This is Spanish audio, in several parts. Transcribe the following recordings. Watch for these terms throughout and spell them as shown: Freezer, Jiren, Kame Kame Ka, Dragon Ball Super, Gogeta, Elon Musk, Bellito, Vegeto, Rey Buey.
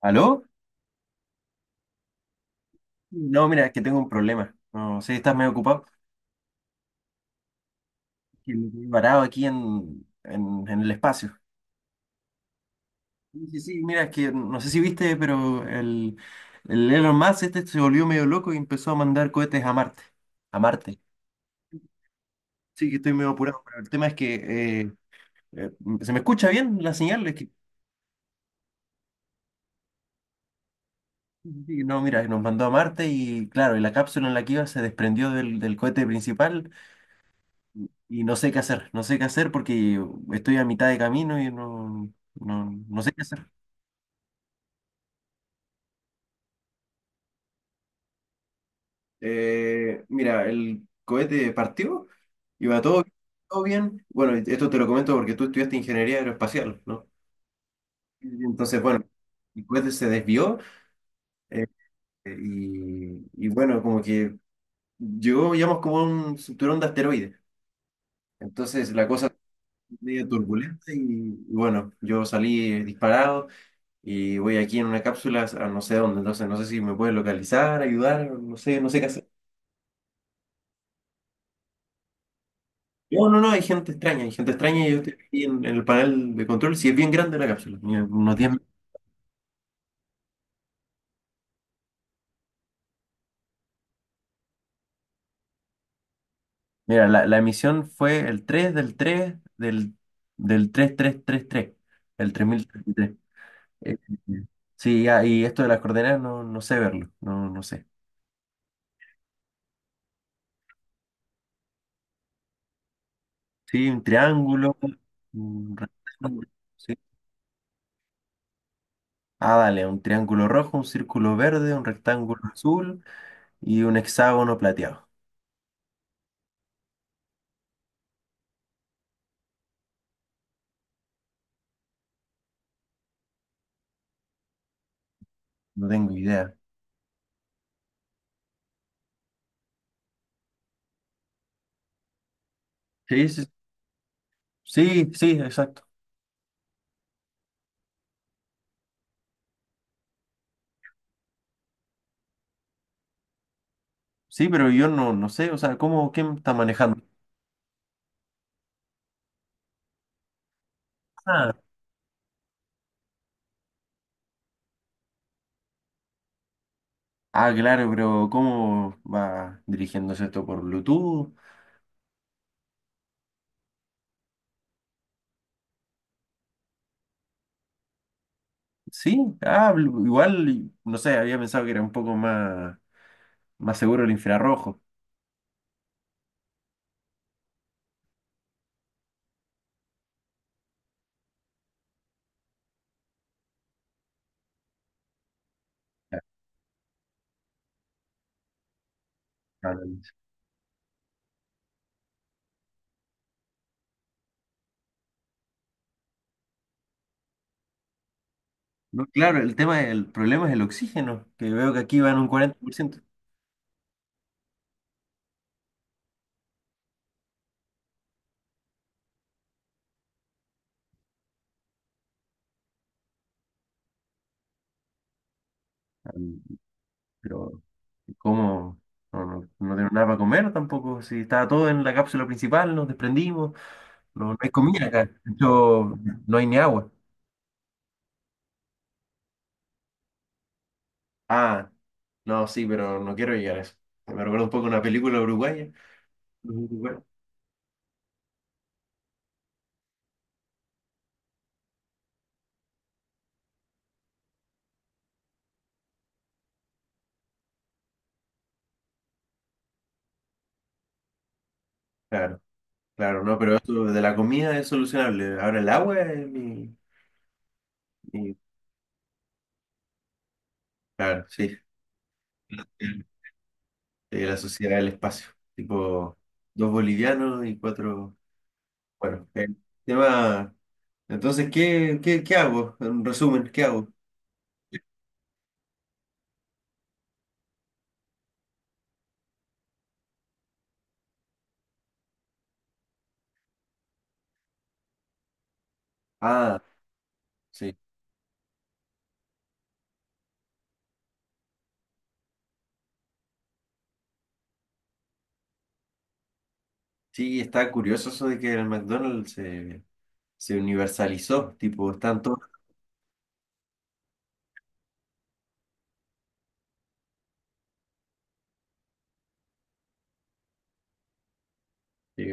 ¿Aló? No, mira, es que tengo un problema. No sé, estás medio ocupado. Que me quedé varado aquí en el espacio. Sí, sí, sí, mira, es que no sé si viste, pero el Elon Musk este se volvió medio loco y empezó a mandar cohetes a Marte. A Marte. Sí, que estoy medio apurado, pero el tema es que eh, eh, se me escucha bien la señal. Es que, sí, sí, sí, no, mira, nos mandó a Marte y claro, y la cápsula en la que iba se desprendió del cohete principal. Y no sé qué hacer, no sé qué hacer porque estoy a mitad de camino y no sé qué hacer. Mira, el cohete partió, iba todo, todo bien. Bueno, esto te lo comento porque tú estudiaste ingeniería aeroespacial, ¿no? Y entonces, bueno, el cohete se desvió, eh, y bueno, como que llegó, digamos, como a un cinturón de asteroides. Entonces la cosa medio turbulenta y bueno, yo salí disparado. Y voy aquí en una cápsula a no sé dónde, entonces no sé si me pueden localizar, ayudar, no sé, no sé qué hacer. No, no, no, hay gente extraña y yo estoy aquí en el panel de control, si es bien grande la cápsula, mira, unos diez. Mira, la emisión fue el tres del 3 del tres tres tres tres, el 3033. Eh, eh, sí, ah, y esto de las coordenadas no, no sé verlo, no, no sé. Sí, un triángulo, un rectángulo, sí. Ah, dale, un triángulo rojo, un círculo verde, un rectángulo azul. Y un hexágono plateado. No tengo idea. Sí, sí, sí, sí, exacto. Sí, pero yo no, no sé, o sea, ¿cómo, quién está manejando? Ah, ah, claro, pero ¿cómo va dirigiéndose esto por Bluetooth? Sí, igual, no sé, había pensado que era un poco más, más seguro el infrarrojo. Ya, claro. No, claro, el tema, el problema es el oxígeno, que veo que aquí van un 40%. Pero, ¿cómo? No, no, no tenemos nada para comer tampoco. Si estaba todo en la cápsula principal, nos desprendimos. No, no hay comida acá. De hecho, no hay ni agua. Ah, no, sí, pero no quiero llegar a eso. Me recuerda un poco una película uruguaya. Los uruguayos. Claro, claro, no, pero eso de la comida es solucionable. Ahora el agua es mi, mi- Claro, sí. Sí, la sociedad del espacio. Tipo, dos bolivianos y cuatro. Bueno, el tema. Entonces, ¿qué, qué, qué hago? En resumen, ¿qué hago? Ah, sí. Sí, está curioso eso de que el McDonald's se, se universalizó, tipo, están todos. Sí,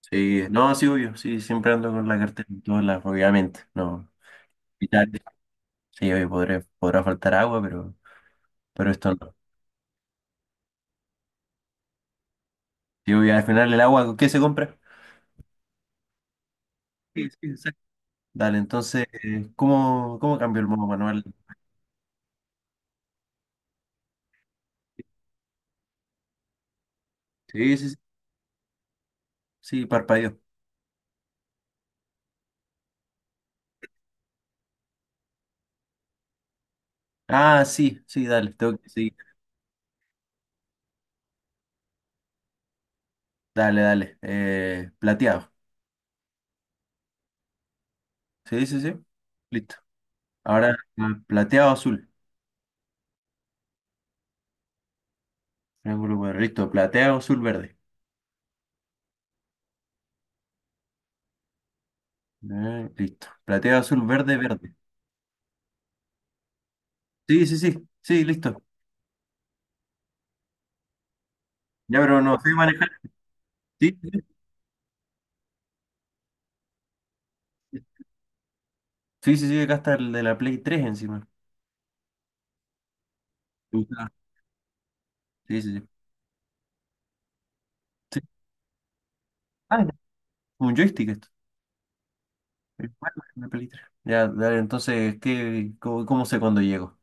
sí, no, sí, obvio, sí, siempre ando con la cartera en todos lados, obviamente, no. Vital. Sí, obvio, podré, podrá faltar agua, pero esto no. Sí, obvio, al final el agua, ¿qué se compra? Sí, sí, exacto. Dale, entonces, ¿cómo, cómo cambió el modo manual? Sí, sí, sí, sí, parpadeó. Ah, sí, sí, dale, tengo que seguir. Dale, dale. Plateado. Sí, sí, sí. Listo. Ahora, ah, plateado azul. Triángulo cuadrado. Listo. Plateado azul verde. Listo. Plateado azul verde verde. Sí, sí, sí. Sí, listo. Ya, pero no sé manejar. Sí, sí, sí. Sí, sí, sí, acá está el de la Play 3 encima. ¿Te gusta? Sí, sí, sí. Sí. Ah, ya, un joystick esto. El cuadro de la Play 3. Ya, dale. Entonces, ¿qué, cómo, cómo sé cuándo llego?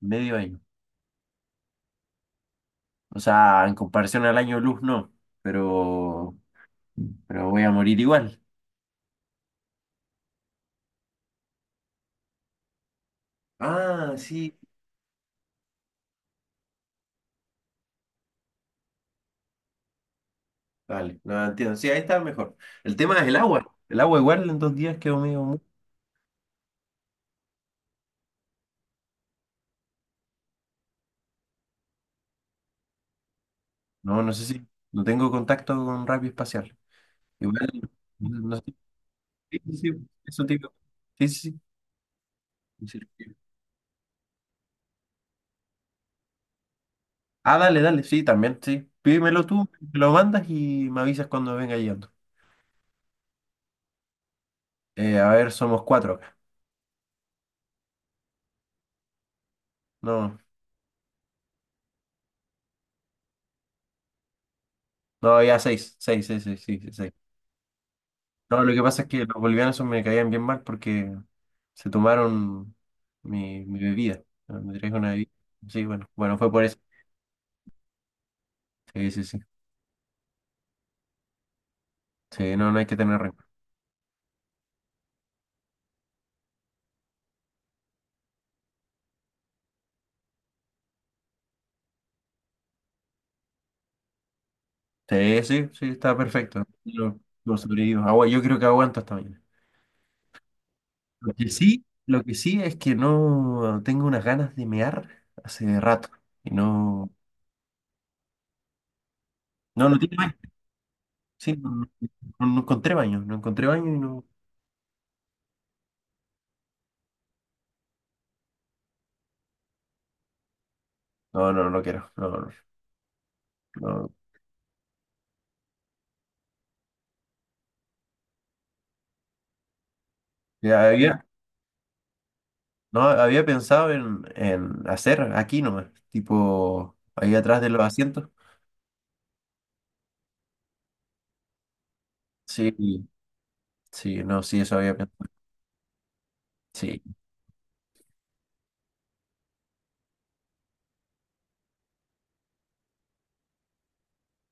Medio año. O sea, en comparación al año luz, no. Pero, pero voy a morir igual. Ah, sí. Vale, no entiendo. Sí, ahí está mejor. El tema es el agua. El agua igual en dos días quedó medio... mu- No, no sé si... No tengo contacto con radio espacial. Igual... No sé. Sí, sí, sí, eso te digo. Sí, sí, sí. Sí. Sí. Ah, dale, dale. Sí, también, sí. Pídemelo tú, me lo mandas y me avisas cuando venga llegando. A ver, somos cuatro acá. No, no, ya seis. Seis, seis, seis, sí, sí, seis. No, lo que pasa es que los bolivianos esos me caían bien mal porque se tomaron mi bebida. ¿No? Me trajeron una bebida. Sí, bueno, bueno, fue por eso. Sí, sí, sí. Sí, no, no hay que tener rencor. Sí, sí, sí, está perfecto. Lo sobrevivo. Agua, yo creo que aguanto hasta mañana. Lo que sí es que no tengo unas ganas de mear hace rato. Y no, no, no tiene baño. Sí, no, no- no no encontré baño, no encontré baño y no. No, no, no quiero. No, no, no. Ya, había, no, había pensado en hacer aquí nomás, tipo ahí atrás de los asientos. Sí, sí, no, sí, eso había pensado. Sí.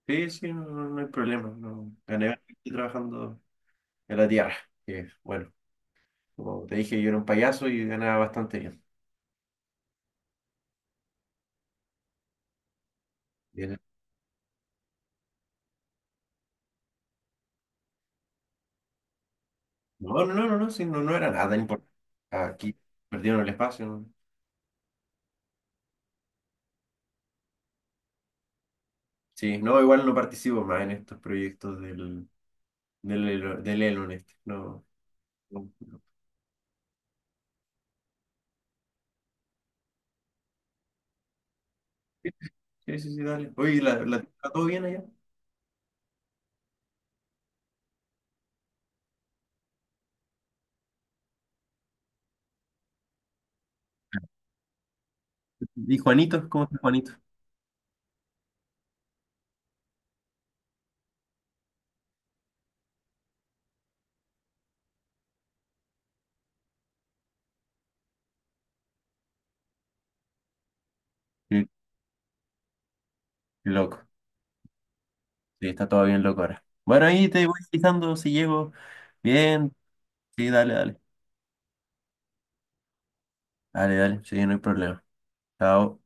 Sí, sí, no, no- no hay problema. No. Gané bastante trabajando en la tierra. Que, bueno, como te dije, yo era un payaso y ganaba bastante bien. Bien. No, no, no, no, no, sí, no, no era nada importante. Aquí perdieron el espacio. ¿No? Sí, no, igual no participo más en estos proyectos del del Elon este. No. No. No. Sí, sí, sí, dale. Oye, ¿la, la, está todo bien allá? ¿Y Juanito? ¿Cómo está Juanito? Qué, qué loco. Sí, está todo bien loco ahora. Bueno, ahí te voy avisando si llego. Bien. Sí, dale, dale. Dale, dale. Sí, no hay problema. Chao.